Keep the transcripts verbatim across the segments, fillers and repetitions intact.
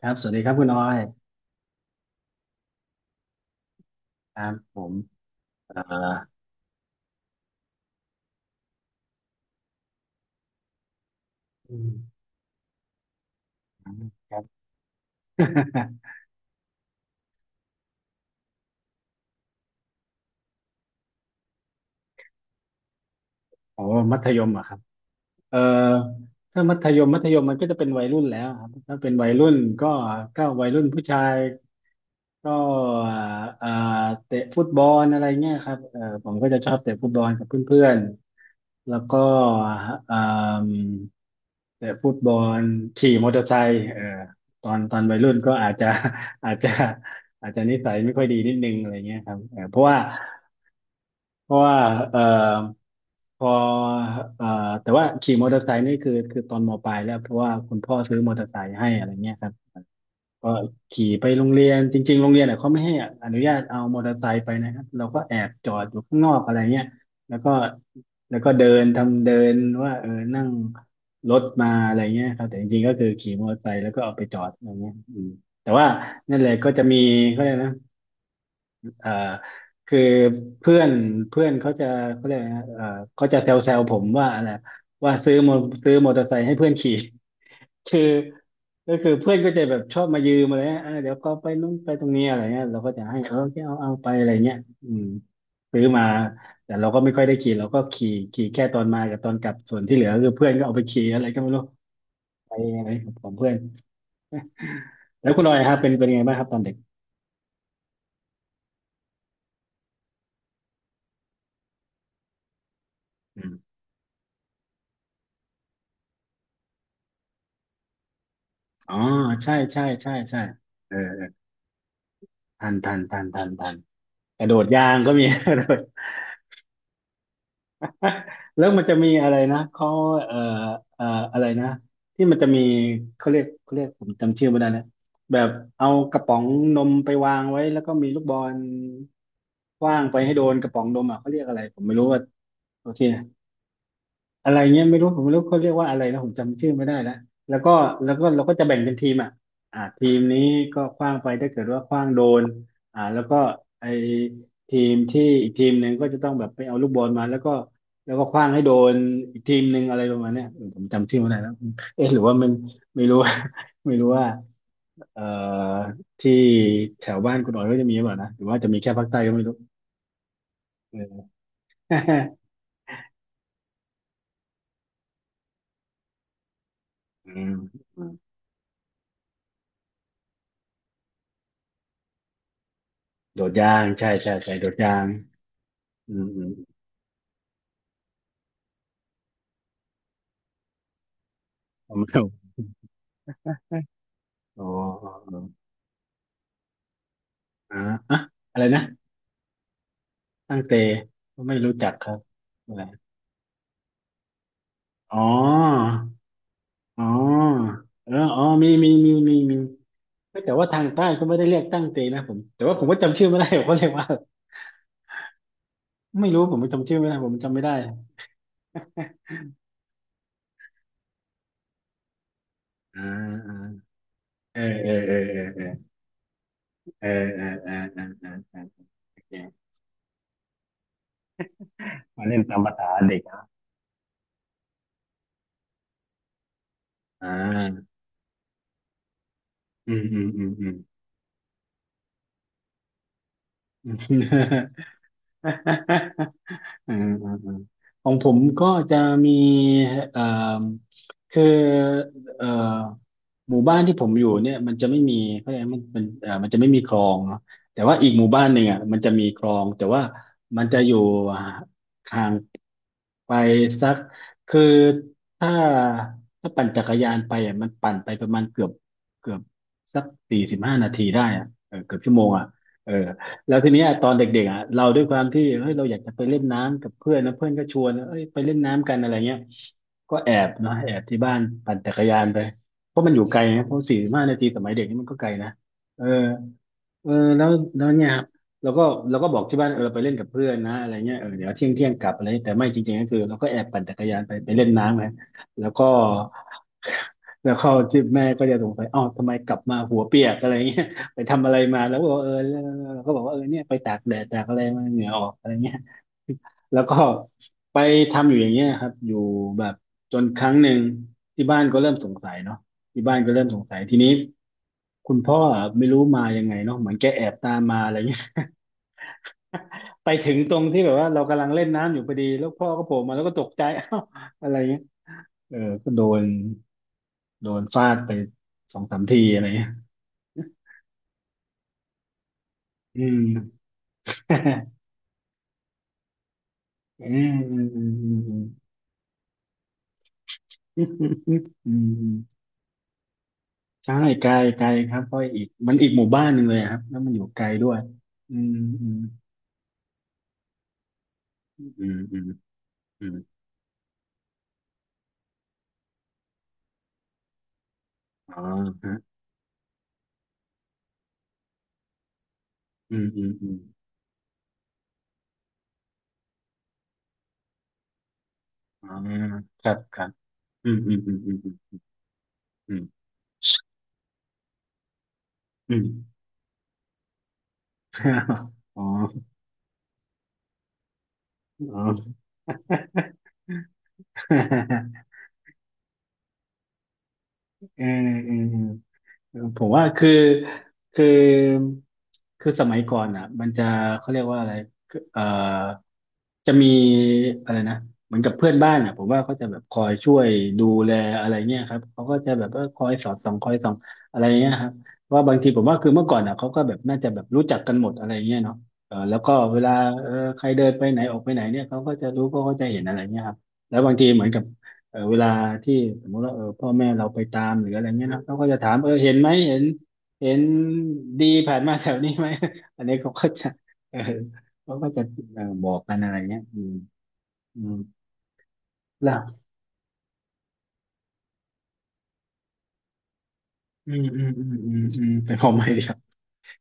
ครับ สวัสดีครับคุณออยครับผมเอ่ออืมครับ โอ้ มัธยมเหรอะครับเอ่อถ้ามัธยมมัธยมมันก็จะเป็นวัยรุ่นแล้วครับถ้าเป็นวัยรุ่นก็ก็วัยรุ่นผู้ชาย ก็อ่าอ่าเตะฟุตบอลอะไรเงี้ยครับเออผมก็จะชอบเตะฟุตบอลกับเพื่อนๆแล้วก็อ่าเตะฟุตบอลขี่มอเตอร์ไซค์เออตอนตอนวัยรุ่นก็อาจจะ อาจจะอาจจะนิสัยไม่ค่อยดีนิดนึงอะไรเงี้ยครับเออเพราะว่าเพราะว่าเออพอเออแต่ว่าขี่มอเตอร์ไซค์นี่คือคือตอนมปลายแล้วเพราะว่าคุณพ่อซื้อมอเตอร์ไซค์ให้อะไรเงี้ยครับ ก็ขี่ไปโรงเรียนจริงๆโรงเรียนเนี่ยเขาไม่ให้อนุญาตเอามอเตอร์ไซค์ไปนะครับเราก็แอบจอดอยู่ข้างนอกอะไรเงี้ยแล้วก็แล้วก็เดินทำเดินว่าเออนั่งรถมาอะไรเงี้ยครับแต่จริงๆก็คือขี่มอเตอร์ไซค์แล้วก็เอาไปจอดอะไรเงี้ยอืมแต่ว่านั่นแหละก็จะมีเขาเรียกนะเอ่อคือเพื่อนเพื่อนเขาจะเขาเรียกนะเอ่อเขาจะแซวๆผมว่าอะไรว่าซื้อมอซื้อมอเตอร์ไซค์ให้เพื่อนขี่ คือก็คือเพื่อนก็จะแบบชอบมายืมอะไรเงี้ยเออเดี๋ยวก็ไปนู่นไปตรงนี้อะไรเงี้ยเราก็จะให้เออแค่เอาเอาไปอะไรเงี้ยอืมซื้อมาแต่เราก็ไม่ค่อยได้ขี่เราก็ขี่ขี่แค่ตอนมากับตอนกลับส่วนที่เหลือคือเพื่อนก็เอาไปขี่อะไรก็ไม่รู้ไปอะไรของเพื่อนแล้วคุณออยครับเป็นเป็นยังไงบ้างครับตอนเด็กอืมอ๋อใช่ใช่ใช่ใช่เออเออทันทันทันทันทันกระโดดยางก็มี กระโดด แล้วมันจะมีอะไรนะเขาเอ่อเอ่ออะไรนะที่มันจะมีเขาเรียกเขาเรียกผมจำชื่อไม่ได้นะแบบเอากระป๋องนมไปวางไว้แล้วก็มีลูกบอลขว้างไปให้โดนกระป๋องนมอ่ะเขาเรียกอะไรผมไม่รู้ว่าโอเค อะไรเงี้ยไม่รู้ผมไม่รู้เขาเรียกว่าอะไรนะผมจำชื่อไม่ได้แล้วแล้วก็แล้วก็เราก็จะแบ่งเป็นทีมอ่ะอ่าทีมนี้ก็ขว้างไปถ้าเกิดว่าขว้างโดนอ่าแล้วก็ไอทีมที่อีกทีมหนึ่งก็จะต้องแบบไปเอาลูกบอลมาแล้วก็แล้วก็ขว้างให้โดนอีกทีมหนึ่งอะไรประมาณเนี้ยเออผมจำชื่อไม่ได้แล้วเอ๊ะหรือว่ามันไม่รู้ ว่า ไม่รู้ว่าเอ่อที่แถวบ้านคุณอ๋อยก็จะมีหรือเปล่านะหรือว่าจะมีแค่ภาคใต้ก็ไม่รู้เออ อืม อืมโดดยางใช่ใช่ใช่โดดยาง อืมอืมผมไม่รู้อ๋ออ๋ออ๋ออ่าอะอะไรนะตั้งเตก็ไม่รู้จักครับอะไรอ๋ออ๋อเอออ๋อมีมีมีมีมีเอ้ยแต่ว่าทางใต้ก็ไม่ได้เรียกตั้งเตนะผมแต่ว่าผมก็จำชื่อไม่ได้ผมก็เรียกว่าไม่รู้ผมจำชื่อไม่ได้ผมจำไม่ได้อ่าอ่าเออเออเออเออเออเออเออเออเออโอเคมาเล่นตามภาษาเด็กนะอ่าอืมอืมอืมอืม อาอือาของผมก็จะมีเอ่อคือเอ่อหมู่บ้านที่ผมอยู่เนี่ยมันจะไม่มีเขาเรียกมันมันเอ่อมันจะไม่มีคลองเนาะแต่ว่าอีกหมู่บ้านหนึ่งอ่ะมันจะมีคลองแต่ว่ามันจะอยู่ห่างไปสักคือถ้าถ้าปั่นจักรยานไปอ่ะมันปั่นไปประมาณเกือบเกือบสักสี่สิบห้านาทีได้อ่ะเออเกือบชั่วโมงอ่ะเออ แล้วทีเนี้ยตอนเด็กๆอ่ะเราด้วยความที่เฮ้ยเราอยากจะไปเล่นน้ำกับเพื่อนนะเพื่อนก็ชวนเอ้ยไปเล่นน้ำกันอะไรเงี้ยก็แอบเนาะแอบที่บ้านปั่นจักรยานไปเพราะมันอยู่ไกลนะเพราะสี่สิบห้านาทีสมัยเด็กนี่มันก็ไกลนะเออ เออแล้วแล้วเนี่ยครับเราก็เราก็บอกที่บ้านเออเราไปเล่นกับเพื่อนนะอะไรเงี้ยเออเดี๋ยวเที่ยงเที่ยงกลับอะไรแต่ไม่จริงๆก็คือเราก็แอบปั่นจักรยานไปไปเล่นน้ำนะแล้วก็แล้วเข้าที่แม่ก็จะสงสัยอ้าวทำไมกลับมาหัวเปียกอะไรเงี้ย ไปทำอะไรมาแล้วก็บอกว่าเออแลราก็บอกว่าเออเนี่ยไปตากแดดตากอะไรมาเหงื่อออกอะไรเงี้ย แล้วก็ ไปทำอยู่อย่างเงี้ยครับอยู่แบบจนครั้งหนึ่งที่บ้านก็เริ่มสงสัยเนาะที่บ้านก็เริ่มสงสัยทีนี้คุณพ่อไม่รู้มายังไงเนาะเหมือนแกแอบตามมาอะไรเงี้ย ไปถึงตรงที่แบบว่าเรากำลังเล่นน้ำอยู่พอดีแล้วพ่อก็โผล่มาแล้วก็ตกใจ เอ้าอะไรเงี้ยเออก็โดนโดนฟาดไปสองสามทีอะไรเงี้ยอืม อืมอืมอืมอืมอืมอืม ใช่ไกลไกลครับเพราะอีกมันอีกหมู่บ้านหนึ่งเลยครับแล้วมันอยู่ไกลด้วยอืมอืมอืมอืมอืมอ๋อฮะอืมอืมอืมอ๋อครับครับอืมอืมอืมอืมอืมอืม อ๋ออ๋อ เออเออ ผมว่าคือคือคือสมัยก่อนอ่ะมันจะเขาเรียกว่าอะไรคือเอ่อจะมีอะไรนะเหมือนกับเพื่อนบ้านอ่ะผมว่าเขาจะแบบคอยช่วยดูแลอะไรเงี้ยครับเขาก็จะแบบว่าคอยสอดส่องคอยส่องอะไรเงี้ยครับว่าบางทีผมว่าคือเมื่อก่อนอ่ะเขาก็แบบน่าจะแบบรู้จักกันหมดอะไรเงี้ยเนาะเออแล้วก็เวลาเออใครเดินไปไหนออกไปไหนเนี่ยเขาก็จะรู้เขาก็จะเห็นอะไรเงี้ยครับแล้วบางทีเหมือนกับ เออเวลาที่สมมติว่าเออพ่อแม่เราไปตามหรืออะไรเงี้ยนะเขาก็จะถามเออเห็นไหมเห็นเห็นดีผ่านมาแถวนี้ไหม อันนี้เขาก็จะเออเขาก็จะเออบอกกันอะไรเงี้ยอืมอืมแล้วอืมอืมอืมอืมอืมเป็นผมไม้เดียว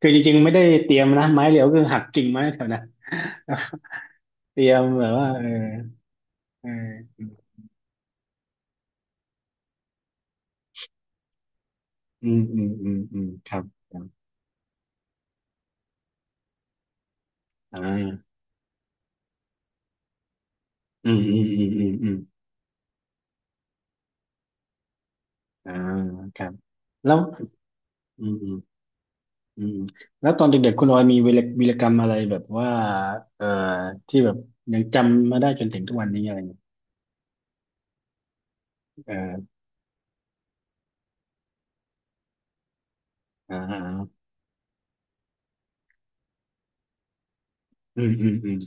คือจริงๆไม่ได้เตรียมนะไม้เดียวคือหักกิ่งไม้แถวนั้น แล้วก็เตรียมแบบว่าเออเอออืมอืมอืมอืมครับครับอ่าอืมอืมอืมอืมอืมอ่าครับแล้วอืม อืมแล้วตอนเด็กๆคุณออยมีวีรวีรกรรมอะไรแบบว่าเอ่อที่แบบยังจำมาได้จนถึงทุกวันนี้อะไรเงี้ยเอออ่าอืมอืมอืม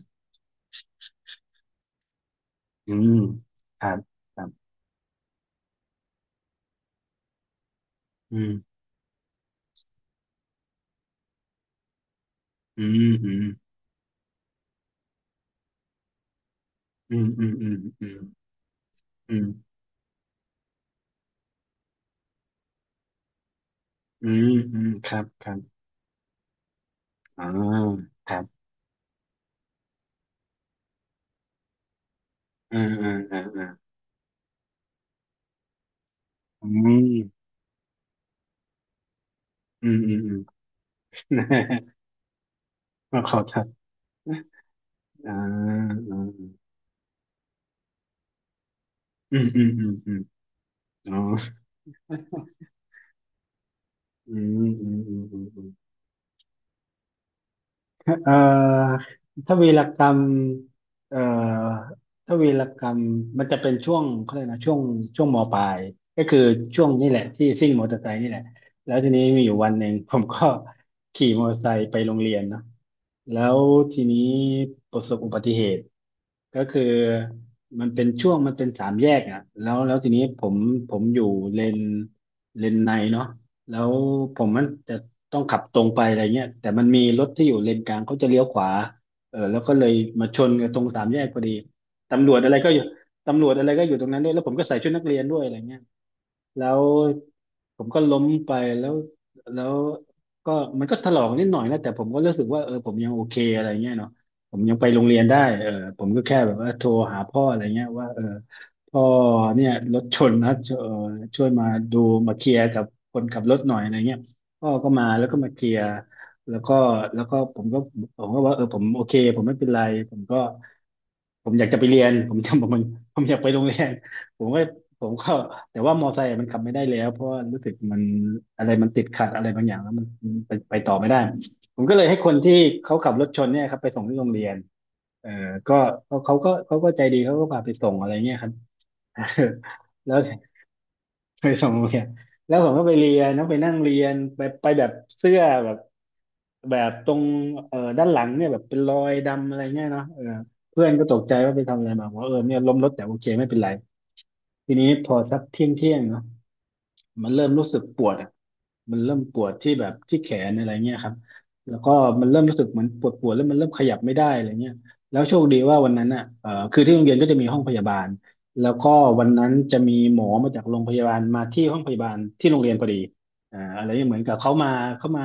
อืมครับครับอืมอืมอืมอืมอืมอืมอืมอืมอืมอืมครับครับอ่าครับอ่าอ่าอ่าอ่าอืมอืมอืมอืม มาขอทักอ่าอ่าอืมอืมอืมอืมอ๋ออืมอืมอืมอืม เอ่อถ้าวีรกรรมเอ่อถ้าวีรกรรมมันจะเป็นช่วงเขาเรียกนะช่วงช่วงมปลายก็คือช่วงนี่แหละที่ซิ่งมอเตอร์ไซค์นี่แหละแล้วทีนี้มีอยู่วันหนึ่ง ผมก็ ขี่มอเตอร์ไซค์ไปโรงเรียนเนาะแล้วทีนี้ประสบอุบัติเหตุก็คือมันเป็นช่วงมันเป็นสามแยกอ่ะแล้วแล้วทีนี้ผมผมอยู่เลนเลนในเนาะแล้วผมมันจะ ต้องขับตรงไปอะไรเงี้ยแต่มันมีรถที่อยู่เลนกลางเขาจะเลี้ยวขวาเออแล้วก็เลยมาชนกันตรงสามแยกพอดีตำรวจอะไรก็อยู่ตำรวจอะไรก็อยู่ตรงนั้นด้วยแล้วผมก็ใส่ชุดนักเรียนด้วยอะไรเงี้ย แล้วผมก็ล้มไปแล้วแล้วก็มันก็ถลอกนิดหน่อยนะแต่ผมก็รู้สึกว่าเออผมยังโอเคอะไรเงี้ยเนาะผมยังไปโรงเรียนได้เออผมก็แค่แบบว่าโทรหาพ่ออะไรเงี้ยว่าเออพ่อเนี่ยรถชนนะเออช่วยมาดูมาเคลียร์กับคนขับรถหน่อยอะไรเงี้ยพ่อก็มาแล้วก็มาเคลียร์แล้วก็แล้วก็ผมก็ผมก็ว่าเออผมโอเคผมไม่เป็นไรผมก็ ผมอยากจะไปเรียน ผมจำผมผมอยากไปโรงเรียน ผมก็ผมก็แต่ว่ามอไซค์มันขับไม่ได้แล้วเพราะว่ารู้สึกมันอะไรมันติดขัดอะไรบางอย่างแล้วมันมันไปไปต่อไม่ได้ผมก็เลยให้คนที่เขาขับรถชนเนี่ยครับไปส่งที่โรงเรียนเออก็ก็เขาก็เขาก็ใจดีเขาก็พาไปส่งอะไรเงี้ยครับ แล้ว ไปส่งโรงเรียนแล้วผมก็ไปเรียนนะไปนั่งเรียนไปไปแบบเสื้อแบบแบบตรงเอ่อด้านหลังเนี่ยแบบเป็นรอยดำอะไรเงี้ยเนาะเออเพื่อนก็ตกใจว่าไปทำอะไรมาบอกว่าเออเนี่ยล้มรถแต่โอเคไม่เป็นไรทีนี้พอสักเที่ยงเที่ยงเนาะ มันเริ่มรู้สึกปวดอะมันเริ่มปวดที่แบบที่แขนอะไรเงี้ยครับแล้วก็มันเริ่มรู้สึกเหมือนปวดปวดแล้วมันเริ่มขยับไม่ได้อะไรเงี้ยแล้วโชคดีว่าวันนั้นอ่ะเอ่อคือที่โรงเรียนก็จะมีห้องพยาบาลแล้วก็วันนั้นจะมีหมอมาจากโรงพยาบาลมาที่ห้องพยาบาลที่โรงเรียนพอดีอ่าอะไรเงี้ยเหมือนกับเขามาเขามา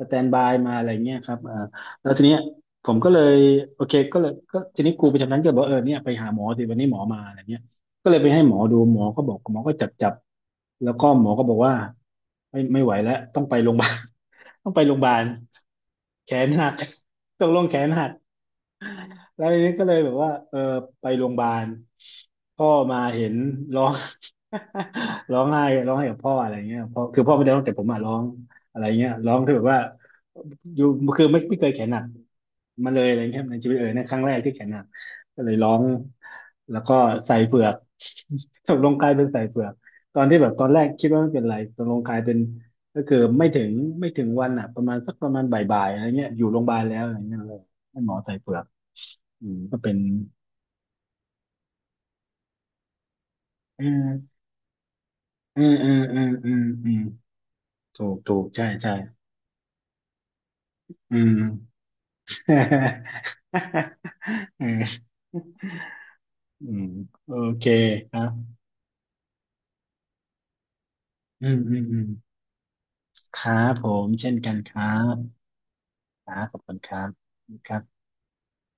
สแตนบายมาอะไรเงี้ยครับอ่าแล้วทีเนี้ยผมก็เลยโอเคก็เลยก็ทีนี้ครูประจำชั้นก็บอกเออเนี่ยไปหาหมอสิวันนี้หมอมาอะไรเงี้ย ก็เลยไปให้หมอดู หมอก็บอก หมอก็จับจับ แล้วก็หมอก็บอกว่าไม่ไม่ไหวแล้วต้องไปโรงพยาบาล ต้องไปโรงพยาบาลแขนหักตกลงแขนหัก แล้วทีนี้ก็เลยแบบว่าเออไปโรงพยาบาลพ่อมาเห็นร้อง ร้องไห้ร้องไห้กับพ่ออะไรเงี้ยพ่อคือพ่อไม่ได้ร้องแต่ผมอะร้องอะไรเงี้ยร้องที่แบบว่าอยู่คือไม่ไม่เคยแขนหนักมาเลยอะไรเงี้ยในชีวิตเออในนครั้งแรกที่แขนหนักก็เลยร้องแล้วก็ใส่เฝือก ตกลงกลายเป็นใส่เฝือกตอนที่แบบตอนแรกคิดว่าไม่เป็นไรตกลงกลายเป็นก็คือไม่ถึงไม่ถึงวันอ่ะประมาณสักประมาณบ่ายๆอะไรเงี้ยอยู่โรงพยาบาลแล้วอะไรเงี้ยเลยให้หมอใส่เฝือก อืมก็เป็นอืมอืมอืมอืมอืมอืมถูกถูกใช่ใช่อืม อืมอืมโอเคครับอืมอืมอืมครับผมเช่นกันครับ ครับขอบคุณครับครับ